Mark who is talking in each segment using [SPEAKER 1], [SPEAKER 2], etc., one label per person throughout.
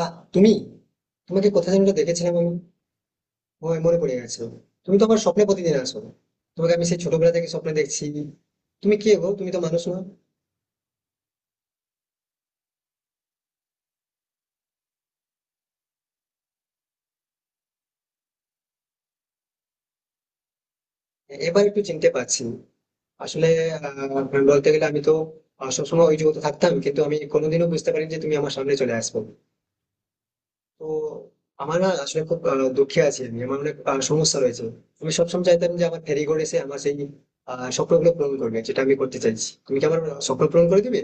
[SPEAKER 1] আ তুমি? তোমাকে কোথায় যেন একটা দেখেছিলাম আমি। ও মনে পড়ে গেছে। তুমি তো আমার স্বপ্নে প্রতিদিন আসো। তোমাকে আমি সেই ছোটবেলা থেকে স্বপ্নে দেখছি। তুমি কে গো? তুমি তো মানুষ নও। এবার একটু চিনতে পারছি। আসলে আ বলতে গেলে আমি তো সবসময় ওই জগতে থাকতাম। কিন্তু আমি কোনোদিনও বুঝতে পারিনি যে তুমি আমার সামনে চলে আসবে। তো আমার না আসলে খুব দুঃখে আছি আমি। আমার অনেক সমস্যা রয়েছে। আমি সবসময় চাইতাম যে আমার ফেরি করে এসে আমার সেই স্বপ্নগুলো পূরণ করবে। যেটা আমি করতে চাইছি। তুমি কি আমার স্বপ্ন পূরণ করে দিবে?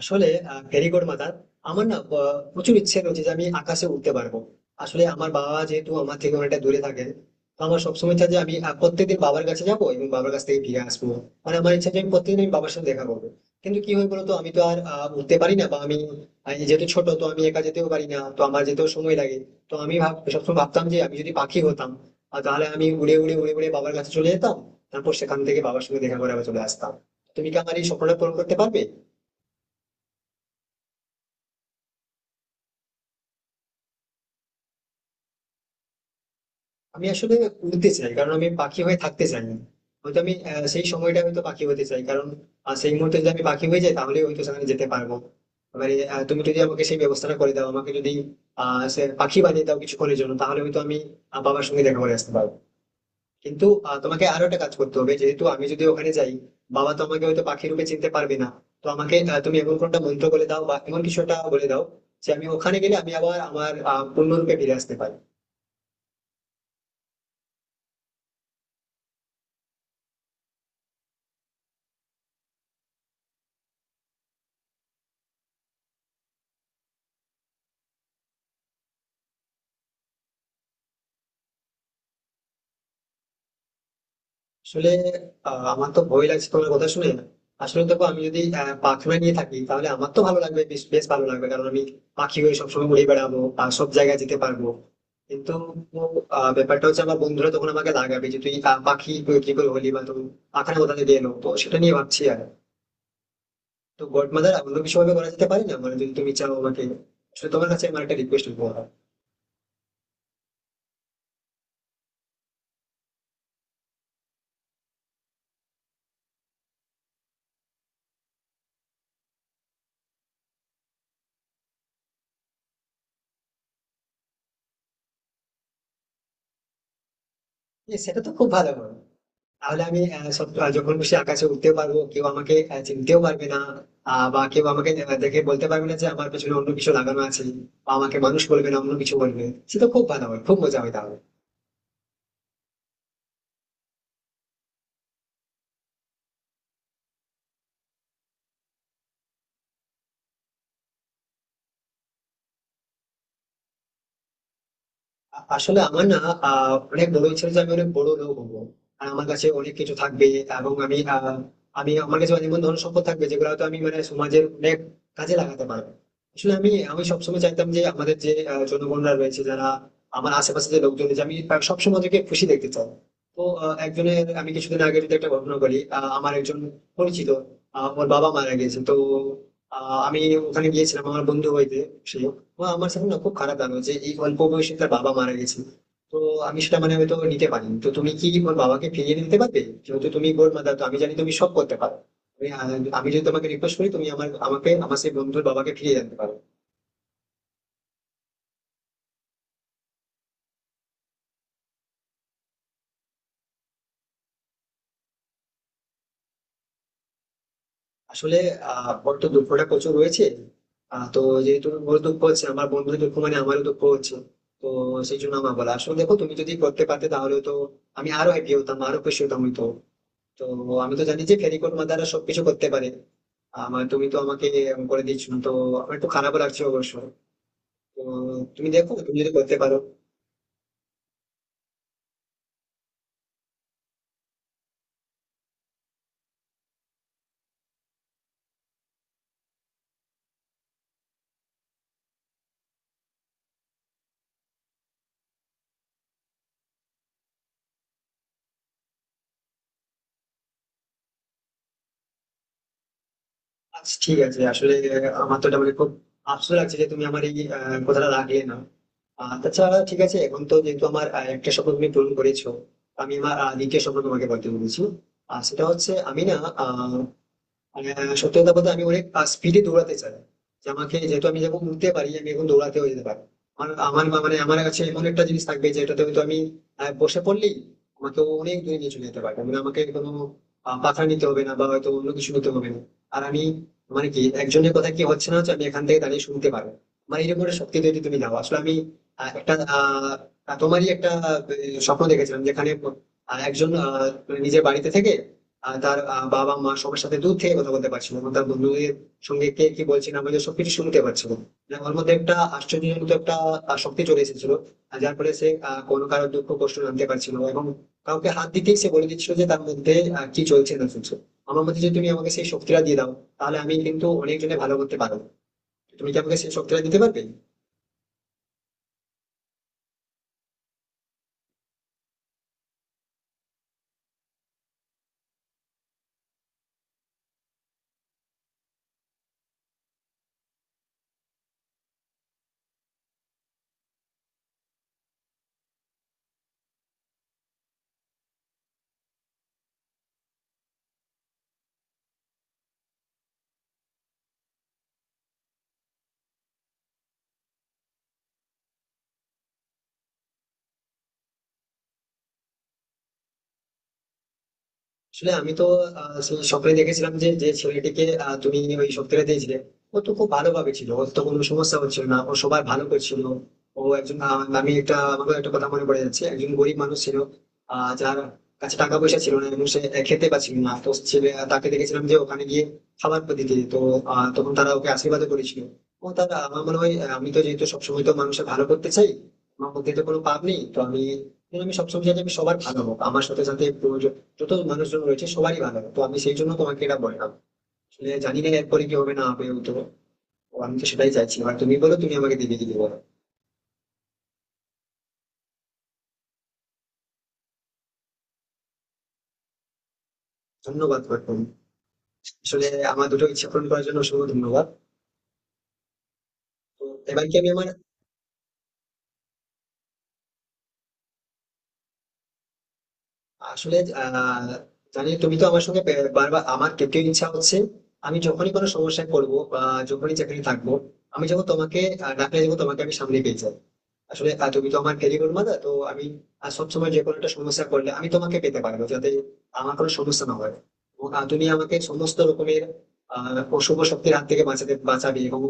[SPEAKER 1] আসলে, ভেরি গুড মাদার, আমার না প্রচুর ইচ্ছে রয়েছে যে আমি আকাশে উঠতে পারবো। আসলে আমার বাবা যেহেতু আমার থেকে অনেকটা দূরে থাকে, তো আমার সবসময় ইচ্ছা যে আমি প্রত্যেকদিন বাবার কাছে যাবো এবং বাবার কাছ থেকে ফিরে আসবো। মানে আমার ইচ্ছা যে আমি প্রত্যেকদিন আমি বাবার সাথে দেখা করবো। কিন্তু কি হয় বলতো, আমি তো আর উঠতে পারি না বা আমি যেহেতু ছোট তো আমি একা যেতেও পারি না, তো আমার যেতেও সময় লাগে। তো আমি সবসময় ভাবতাম যে আমি যদি পাখি হতাম, তাহলে আমি উড়ে উড়ে উড়ে উড়ে বাবার কাছে চলে যেতাম। তারপর সেখান থেকে বাবার সঙ্গে দেখা করে আবার চলে আসতাম। তুমি কি আমার এই স্বপ্নটা পূরণ করতে পারবে? আমি আসলে উড়তে চাই, কারণ আমি পাখি হয়ে থাকতে চাই না। হয়তো আমি সেই সময়টা হয়তো পাখি হতে চাই, কারণ সেই মুহূর্তে যদি আমি পাখি হয়ে যাই, তাহলে হয়তো সেখানে যেতে পারবো। এবারে তুমি যদি আমাকে সেই ব্যবস্থাটা করে দাও, আমাকে যদি সে পাখি বানিয়ে দাও কিছুক্ষণের জন্য, তাহলে হয়তো আমি বাবার সঙ্গে দেখা করে আসতে পারবো। কিন্তু তোমাকে আরো একটা কাজ করতে হবে, যেহেতু আমি যদি ওখানে যাই, বাবা তো আমাকে হয়তো পাখি রূপে চিনতে পারবে না। তো আমাকে তুমি এমন কোনটা মন্ত্র বলে দাও বা এমন কিছু একটা বলে দাও, যে আমি ওখানে গেলে আমি আবার আমার পূর্ণরূপে ফিরে আসতে পারি। আসলে আমার তো ভয় লাগছে তোমার কথা শুনে। আসলে দেখো, আমি যদি পাখনা নিয়ে থাকি, তাহলে আমার তো ভালো লাগবে, বেশ বেশ ভালো লাগবে, কারণ আমি পাখি হয়ে সবসময় উড়ে বেড়াবো আর সব জায়গায় যেতে পারবো। কিন্তু ব্যাপারটা হচ্ছে আমার বন্ধুরা তখন আমাকে লাগাবে যে তুই পাখি তুই কি করে হলি, বা তুমি পাখানা কোথা থেকে এলো, তো সেটা নিয়ে ভাবছি। আর তো গড মাদার, অন্য কিছু ভাবে করা যেতে পারে না মানে, যদি তুমি চাও আমাকে। আসলে তোমার কাছে আমার একটা রিকোয়েস্ট করবো। হ্যাঁ। সেটা তো খুব ভালো হয়। তাহলে আমি যখন খুশি আকাশে উঠতে পারবো, কেউ আমাকে চিনতেও পারবে না। বা কেউ আমাকে দেখে বলতে পারবে না যে আমার পেছনে অন্য কিছু লাগানো আছে, বা আমাকে মানুষ বলবে না, অন্য কিছু বলবে। সেটা খুব ভালো হয়, খুব মজা হয় তাহলে। আসলে আমার না অনেক বড় ইচ্ছে যে আমি অনেক বড় লোক হবো। আর আমার কাছে অনেক কিছু থাকবে। এবং আমি আমার কাছে এমন ধরনের সম্পদ থাকবে যেগুলো হয়তো আমি মানে সমাজের অনেক কাজে লাগাতে পারবো। আসলে আমি আমি সবসময় চাইতাম যে আমাদের যে জনগণরা রয়েছে, যারা আমার আশেপাশে যে লোকজন রয়েছে, আমি সবসময় ওদেরকে খুশি দেখতে চাই। তো একজনের, আমি কিছুদিন আগে যদি একটা ঘটনা বলি, আমার একজন পরিচিত, ওর বাবা মারা গিয়েছে, তো আমি ওখানে গিয়েছিলাম আমার বন্ধু হইতে। সে, ও আমার সাথে না, খুব খারাপ লাগলো যে এই অল্প বয়সে তার বাবা মারা গেছে। তো আমি সেটা মানে হয়তো নিতে পারিনি, তো তুমি কি ওর বাবাকে ফিরিয়ে দিতে পারবে? যেহেতু তুমি গোর মাদার, তো আমি জানি তুমি সব করতে পারো। তুমি, আহ, আমি যদি তোমাকে রিকোয়েস্ট করি, তুমি আমার আমাকে আমার সেই বন্ধুর বাবাকে ফিরিয়ে আনতে পারো? আসলে ওর তো দুঃখটা প্রচুর রয়েছে। তো যেহেতু ওর দুঃখ হচ্ছে, আমার বন্ধুর দুঃখ মানে আমারও দুঃখ হচ্ছে। তো সেই জন্য আমার বলা। আসলে দেখো, তুমি যদি করতে পারতে তাহলে তো আমি আরো হ্যাপি হতাম, আরো খুশি হতাম হয়তো। তো আমি তো জানি যে ফেরিকট মাদাররা সবকিছু করতে পারে। আমার তুমি তো আমাকে এরকম করে দিচ্ছ, তো আমার একটু খারাপও লাগছে অবশ্য। তো তুমি দেখো, তুমি যদি করতে পারো। আচ্ছা, ঠিক আছে। আসলে আমার তো এটা মানে খুব আফসোস লাগছে যে তুমি আমার এই কথাটা রাখলে না। আর তাছাড়া ঠিক আছে, এখন তো যেহেতু আমার একটা স্বপ্ন তুমি পূরণ করেছো, আমি আমার দ্বিতীয় স্বপ্ন তোমাকে বলতে বলেছি। আর সেটা হচ্ছে, আমি না আহ আহ, সত্যি কথা বলতে আমি অনেক স্পিডে দৌড়াতে চাই। যে আমাকে যেহেতু আমি যখন উঠতে পারি, আমি এখন দৌড়াতেও যেতে পারি। আমার আমার মা- মানে আমার কাছে এমন একটা জিনিস থাকবে যেটাতে হয়তো আমি বসে পড়লেই আমাকে অনেক দূরে নিয়ে চলে যেতে পারবে, মানে আমাকে কোনো পাথর নিতে হবে না বা হয়তো অন্য কিছু নিতে হবে না। আর আমি মানে, কি একজনের কথা কি হচ্ছে না হচ্ছে, আমি এখান থেকে দাঁড়িয়ে শুনতে পারবো। মানে এরকম একটা শক্তি যদি তুমি দাও। আসলে আমি একটা তোমারই একটা স্বপ্ন দেখেছিলাম, যেখানে একজন মানে নিজের বাড়িতে থেকে তার বাবা মা সবার সাথে দূর থেকে কথা বলতে পারছিল এবং তার বন্ধুদের সঙ্গে কে কি বলছে না বলছে সবকিছু শুনতে পারছিল। মানে ওর মধ্যে একটা আশ্চর্যজনক একটা শক্তি চলে এসেছিল। আর যার ফলে সে কোনো কারোর দুঃখ কষ্ট জানতে পারছিল না, এবং কাউকে হাত দিতেই সে বলে দিচ্ছিল যে তার মধ্যে কি চলছে না চলছে। আমার মধ্যে যদি তুমি আমাকে সেই শক্তিটা দিয়ে দাও, তাহলে আমি কিন্তু অনেকজনে ভালো করতে পারবো। তুমি কি আমাকে সেই শক্তিটা দিতে পারবে? আসলে আমি তো সেই সকালে দেখেছিলাম যে যে ছেলেটিকে তুমি ওই সপ্তাহে দিয়েছিলে, ও তো খুব ভালোভাবে ছিল, ওর তো কোনো সমস্যা হচ্ছিল না, ও সবার ভালো করছিল। ও একজন আমি একটা আমাকে একটা কথা মনে পড়ে যাচ্ছে, একজন গরিব মানুষ ছিল, যার কাছে টাকা পয়সা ছিল না, এবং সে খেতে পাচ্ছিল না, তো ছেলে তাকে দেখেছিলাম যে ওখানে গিয়ে খাবার দিতে, তো তখন তারা ওকে আশীর্বাদ করেছিল। ও তারা আমার মনে হয়, আমি তো যেহেতু সবসময় তো মানুষের ভালো করতে চাই, আমার মধ্যে তো কোনো পাপ নেই, তো আমি আমি সবসময় চাই যে আমি সবার ভালো হোক, আমার সাথে সাথে প্রয়োজন যত মানুষজন রয়েছে সবারই ভালো, তো আমি সেই জন্য তোমাকে এটা বললাম। আসলে জানি না এরপরে কি হবে না হবে, তো ও আমি তো সেটাই চাইছি। আর তুমি বলো, তুমি আমাকে দিবে দিদি, বলো। ধন্যবাদ গৌতম। আসলে আমার দুটো ইচ্ছা পূরণ করার জন্য অসংখ্য ধন্যবাদ। তো এবার কি আমি আমার আসলে আহ জানি তুমি তো আমার সঙ্গে বারবার আমার কেউ ইচ্ছা হচ্ছে। আমি যখনই কোনো সমস্যায় পড়বো বা যখনই চাকরি থাকবো, আমি যখন তোমাকে ডাকলে যাবো, তোমাকে আমি সামনে পেয়ে যাই। আসলে তুমি তো আমার ফেলিওর মাদার, তো আমি সবসময় যে কোনো একটা সমস্যা করলে আমি তোমাকে পেতে পারবো, যাতে আমার কোনো সমস্যা না হয়। এবং তুমি আমাকে সমস্ত রকমের আহ অশুভ শক্তির হাত থেকে বাঁচাতে বাঁচাবে, এবং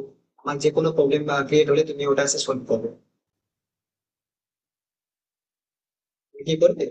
[SPEAKER 1] আমার যে কোনো প্রবলেম ক্রিয়েট হলে তুমি ওটা এসে সলভ করবে। তুমি কি করবে?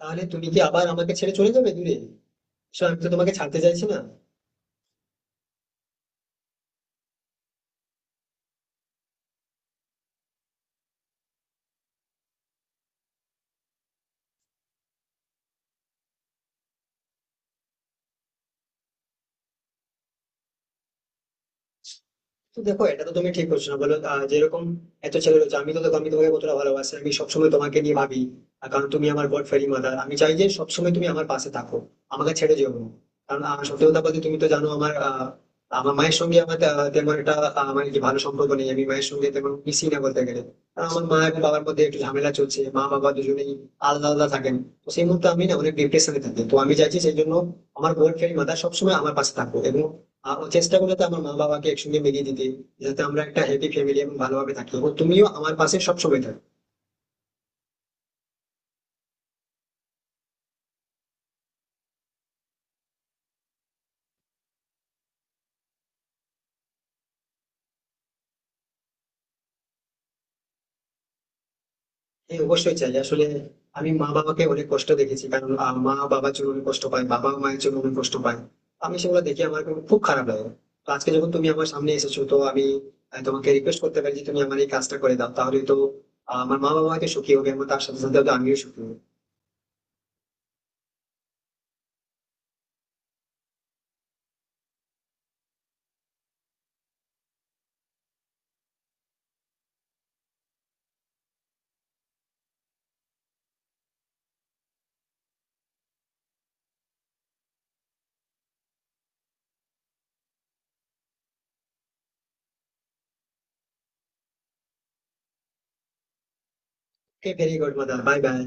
[SPEAKER 1] তাহলে তুমি কি আবার আমাকে ছেড়ে চলে যাবে দূরে? আসলে আমি তো তোমাকে ছাড়তে চাইছি না। তো দেখো, এটা তো তুমি ঠিক করছো না বলো। যেরকম এত ছেলে রয়েছে, আমি তো দেখো আমি তোমাকে কতটা ভালোবাসি, আমি সবসময় তোমাকে নিয়ে ভাবি। আর কারণ তুমি আমার গড ফেরি মাদার, আমি চাই যে সবসময় তুমি আমার পাশে থাকো। আমাকে ছেড়ে যেও না। কারণ সত্যি কথা বলতে তুমি তো জানো, আমার মায়ের সঙ্গে আমার তেমন একটা মানে কি ভালো সম্পর্ক নেই, আমি মায়ের সঙ্গে তেমন মিশি না বলতে গেলে। কারণ আমার মা এবং বাবার মধ্যে একটু ঝামেলা চলছে, মা বাবা দুজনেই আলাদা আলাদা থাকেন। তো সেই মুহূর্তে আমি না অনেক ডিপ্রেশনে থাকি, তো আমি চাইছি সেই জন্য আমার গড ফেরি মাদার সবসময় আমার পাশে থাকো, এবং ও চেষ্টা করবে তো আমার মা বাবাকে একসঙ্গে মিলিয়ে দিতে, যাতে আমরা একটা হ্যাপি ফ্যামিলি এবং ভালোভাবে থাকি, এবং তুমিও আমার পাশে সবসময় থাকো। হ্যাঁ, অবশ্যই চাই। আসলে আমি মা বাবাকে অনেক কষ্ট দেখেছি, কারণ মা বাবার জন্য অনেক কষ্ট পায়, বাবা মায়ের জন্য অনেক কষ্ট পায়। আমি সেগুলো দেখে আমার খুব খুব খারাপ লাগে। তো আজকে যখন তুমি আমার সামনে এসেছো, তো আমি তোমাকে রিকোয়েস্ট করতে পারি যে তুমি আমার এই কাজটা করে দাও, তাহলে তো আমার মা বাবা হয়তো সুখী হবে, এবং তার সাথে সাথে হয়তো আমিও সুখী হবো। Okay, very good mother, bye by.